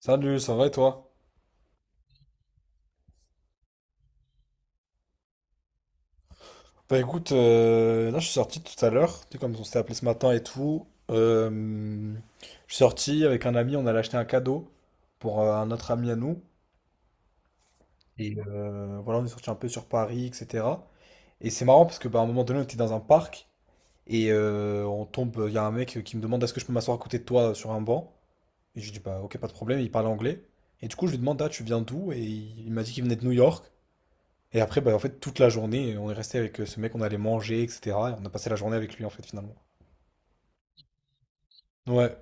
Salut, ça va et toi? Bah écoute, là je suis sorti tout à l'heure, tu sais, comme on s'était appelé ce matin et tout. Je suis sorti avec un ami, on allait acheter un cadeau pour un autre ami à nous. Et voilà, on est sorti un peu sur Paris, etc. Et c'est marrant parce que bah, à un moment donné, on était dans un parc et on tombe, il y a un mec qui me demande est-ce que je peux m'asseoir à côté de toi sur un banc? Et je lui dis bah ok, pas de problème, il parle anglais. Et du coup, je lui demande ah, tu viens d'où? Et il m'a dit qu'il venait de New York. Et après, bah, en fait, toute la journée, on est resté avec ce mec, on allait manger, etc. Et on a passé la journée avec lui, en fait, finalement. Ouais.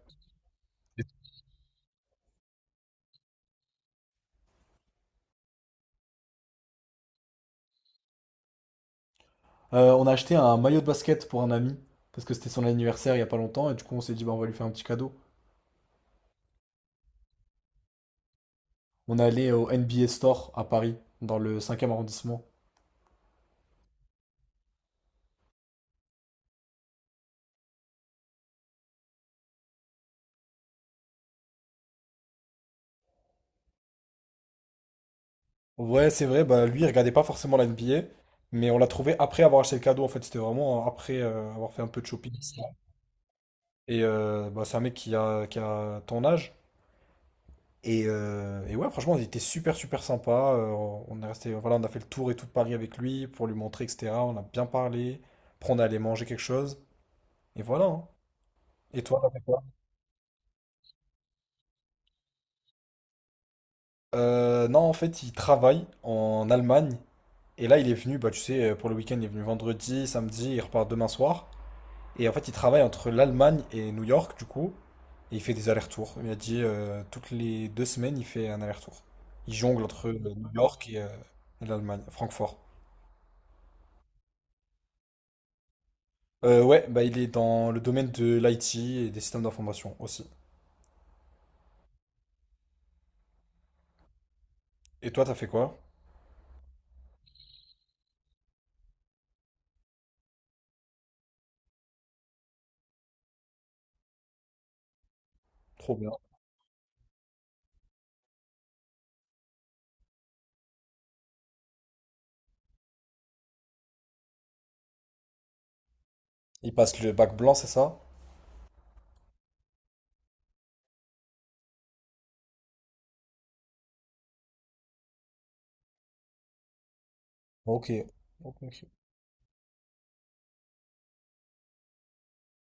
On a acheté un maillot de basket pour un ami, parce que c'était son anniversaire il y a pas longtemps, et du coup, on s'est dit, bah, on va lui faire un petit cadeau. On est allé au NBA Store à Paris, dans le cinquième arrondissement. Ouais, c'est vrai, bah, lui, il regardait pas forcément la NBA, mais on l'a trouvé après avoir acheté le cadeau, en fait. C'était vraiment après avoir fait un peu de shopping. Et bah, c'est un mec qui a ton âge. Et ouais, franchement, il était super, super sympa. On est resté, voilà, on a fait le tour et tout de Paris avec lui pour lui montrer, etc. On a bien parlé. Après, on est allé manger quelque chose. Et voilà. Hein. Et toi? Non, en fait, il travaille en Allemagne. Et là, il est venu, bah, tu sais, pour le week-end, il est venu vendredi, samedi, il repart demain soir. Et en fait, il travaille entre l'Allemagne et New York, du coup. Et il fait des allers-retours. Il a dit, toutes les 2 semaines, il fait un aller-retour. Il jongle entre New York et l'Allemagne, Francfort. Ouais, bah il est dans le domaine de l'IT et des systèmes d'information aussi. Et toi, t'as fait quoi? Trop bien. Il passe le bac blanc, c'est ça? Ok. Ok, ok.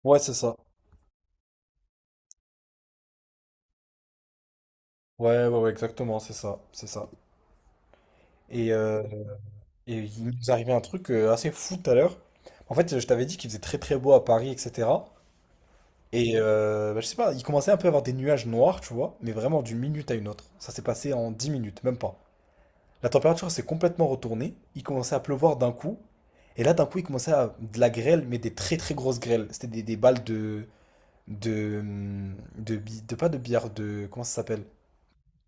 Ouais, c'est ça. Ouais, ouais, ouais, exactement, c'est ça, c'est ça. Et, euh, et il nous arrivait un truc assez fou tout à l'heure. En fait, je t'avais dit qu'il faisait très très beau à Paris, etc. Et bah, je sais pas, il commençait un peu à avoir des nuages noirs, tu vois, mais vraiment d'une minute à une autre. Ça s'est passé en 10 minutes, même pas. La température s'est complètement retournée. Il commençait à pleuvoir d'un coup. Et là, d'un coup, il commençait à de la grêle, mais des très très grosses grêles. C'était des balles de, pas de billard, de. Comment ça s'appelle?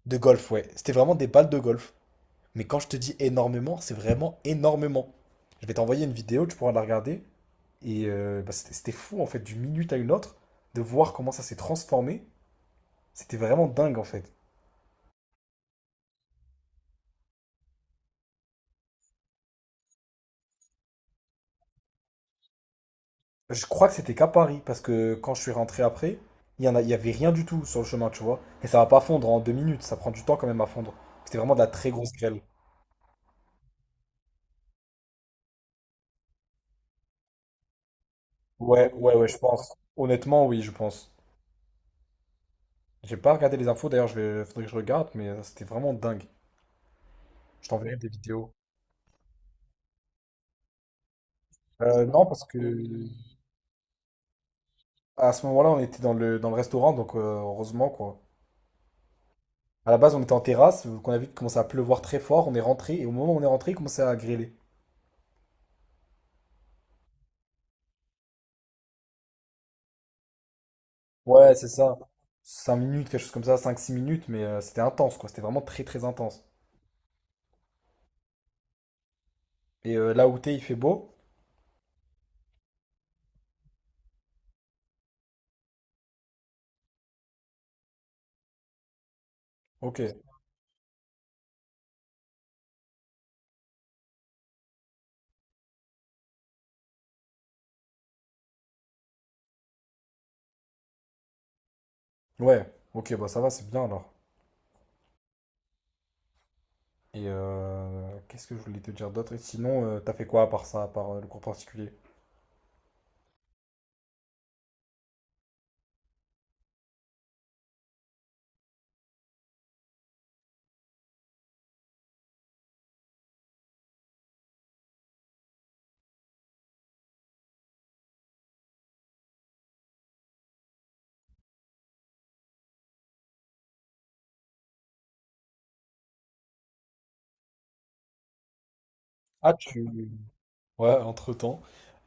De golf, ouais. C'était vraiment des balles de golf. Mais quand je te dis énormément, c'est vraiment énormément. Je vais t'envoyer une vidéo, tu pourras la regarder. Et bah, c'était fou, en fait, d'une minute à une autre, de voir comment ça s'est transformé. C'était vraiment dingue, en fait. Je crois que c'était qu'à Paris, parce que quand je suis rentré après, il y avait rien du tout sur le chemin, tu vois. Et ça va pas fondre en 2 minutes, ça prend du temps quand même à fondre. C'était vraiment de la très grosse grêle. Ouais, ouais, ouais, je pense. Honnêtement, oui, je pense. J'ai pas regardé les infos, d'ailleurs, faudrait que je regarde, mais c'était vraiment dingue. Je t'enverrai des vidéos. Non, parce que à ce moment-là, on était dans le restaurant, donc heureusement, quoi. À la base, on était en terrasse, qu'on a vu qu'il commençait à pleuvoir très fort, on est rentré, et au moment où on est rentré, il commençait à grêler. Ouais, c'est ça. 5 minutes, quelque chose comme ça, 5 6 minutes, mais c'était intense, quoi. C'était vraiment très très intense. Et là où t'es, il fait beau. Ok. Ouais, ok, bah ça va, c'est bien alors. Et qu'est-ce que je voulais te dire d'autre? Et sinon, t'as fait quoi à part ça, à part le cours particulier? Ah, tu... Ouais, entre-temps.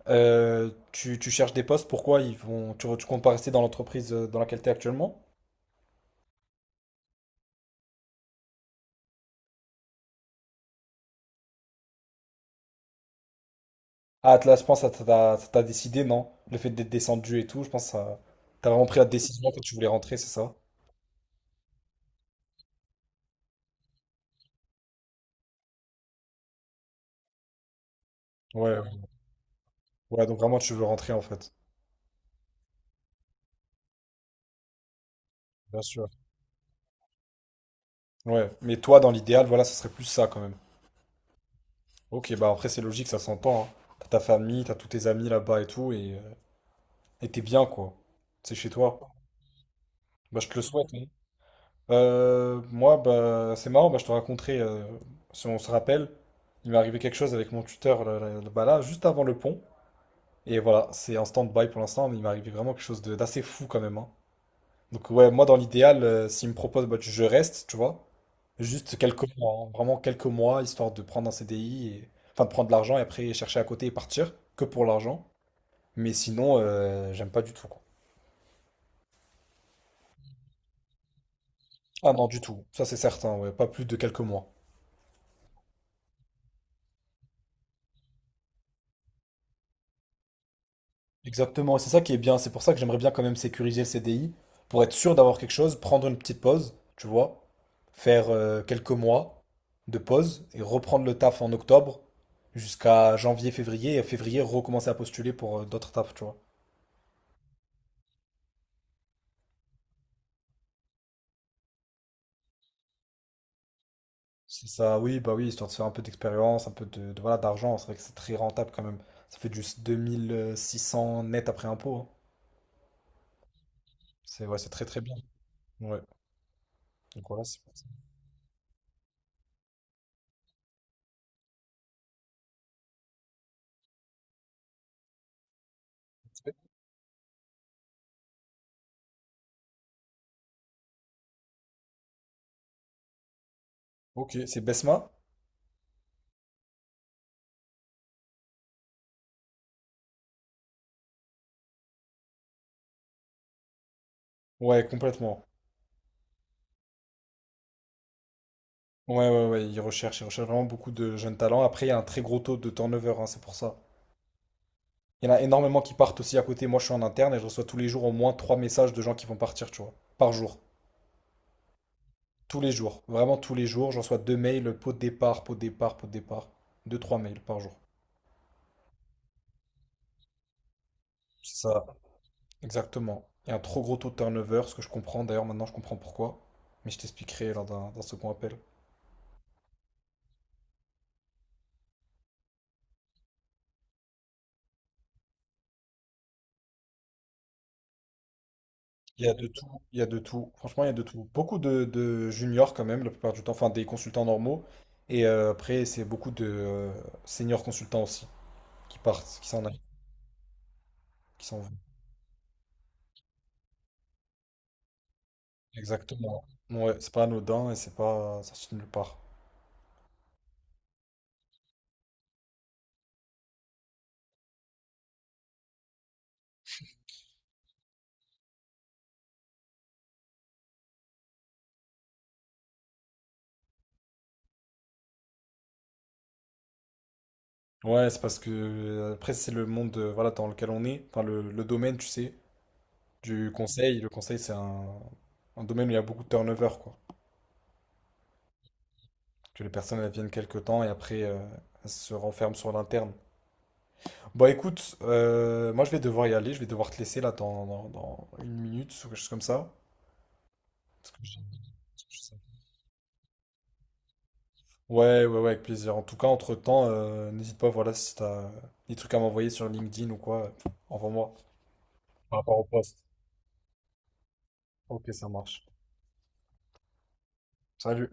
Tu cherches des postes, pourquoi ils vont... Tu comptes pas rester dans l'entreprise dans laquelle t'es actuellement? Ah, Atlas, je pense que ça t'a décidé, non? Le fait d'être descendu et tout, je pense que ça... T'as vraiment pris la décision quand tu voulais rentrer, c'est ça? Ouais. Ouais, donc vraiment tu veux rentrer en fait. Bien sûr. Ouais, mais toi dans l'idéal, voilà, ça serait plus ça quand même. Ok, bah après c'est logique, ça s'entend. Hein. T'as ta famille, t'as tous tes amis là-bas et tout, et t'es bien quoi. C'est chez toi. Bah je te le souhaite. Hein. Moi, bah c'est marrant, bah je te raconterai, si on se rappelle, il m'est arrivé quelque chose avec mon tuteur là, juste avant le pont. Et voilà, c'est en stand-by pour l'instant, mais il m'est arrivé vraiment quelque chose d'assez fou quand même. Hein. Donc ouais, moi dans l'idéal, s'il me propose, bah, je reste, tu vois. Juste quelques mois, hein, vraiment quelques mois, histoire de prendre un CDI, et... enfin de prendre de l'argent et après chercher à côté et partir, que pour l'argent. Mais sinon, j'aime pas du tout, quoi. Ah non, du tout, ça c'est certain, ouais, pas plus de quelques mois. Exactement, et c'est ça qui est bien, c'est pour ça que j'aimerais bien quand même sécuriser le CDI, pour être sûr d'avoir quelque chose, prendre une petite pause, tu vois, faire quelques mois de pause et reprendre le taf en octobre jusqu'à janvier, février, et février recommencer à postuler pour d'autres tafs, tu vois. C'est ça, oui, bah oui, histoire de se faire un peu d'expérience, un peu voilà, d'argent, c'est vrai que c'est très rentable quand même. Ça fait juste cents net après impôt, hein. C'est ouais, c'est très très bien. Ouais, donc voilà, c'est Ok, c'est Besma? Ouais, complètement. Ouais, ouais, ouais, ils recherchent vraiment beaucoup de jeunes talents. Après, il y a un très gros taux de turnover, hein, c'est pour ça. Il y en a énormément qui partent aussi à côté. Moi, je suis en interne et je reçois tous les jours au moins 3 messages de gens qui vont partir, tu vois. Par jour. Tous les jours. Vraiment tous les jours. Je reçois 2 mails, pot de départ, pot de départ, pot de départ. 2, 3 mails par jour. C'est ça. Exactement. Il y a un trop gros taux de turnover, ce que je comprends. D'ailleurs, maintenant, je comprends pourquoi. Mais je t'expliquerai lors d'un second appel. Il y a de tout, il y a de tout. Franchement, il y a de tout. Beaucoup de juniors quand même, la plupart du temps, enfin des consultants normaux. Et après, c'est beaucoup de seniors consultants aussi qui partent, qui s'en aillent, qui s'en vont. Exactement. Ouais, c'est pas anodin et c'est pas sorti de nulle part. Ouais, c'est parce que après, c'est le monde voilà, dans lequel on est, enfin le domaine, tu sais, du conseil. Le conseil, c'est un domaine où il y a beaucoup de turnover, quoi. Que les personnes elles viennent quelques temps et après, elles se renferment sur l'interne. Bon, écoute, moi je vais devoir y aller, je vais devoir te laisser là dans une minute ou quelque chose comme ça. Parce que j'ai- Ouais, ouais, ouais, avec plaisir. En tout cas, entre-temps, n'hésite pas, voilà, si t'as des trucs à m'envoyer sur LinkedIn ou quoi, envoie-moi. Par rapport au poste. Ok, ça marche. Salut.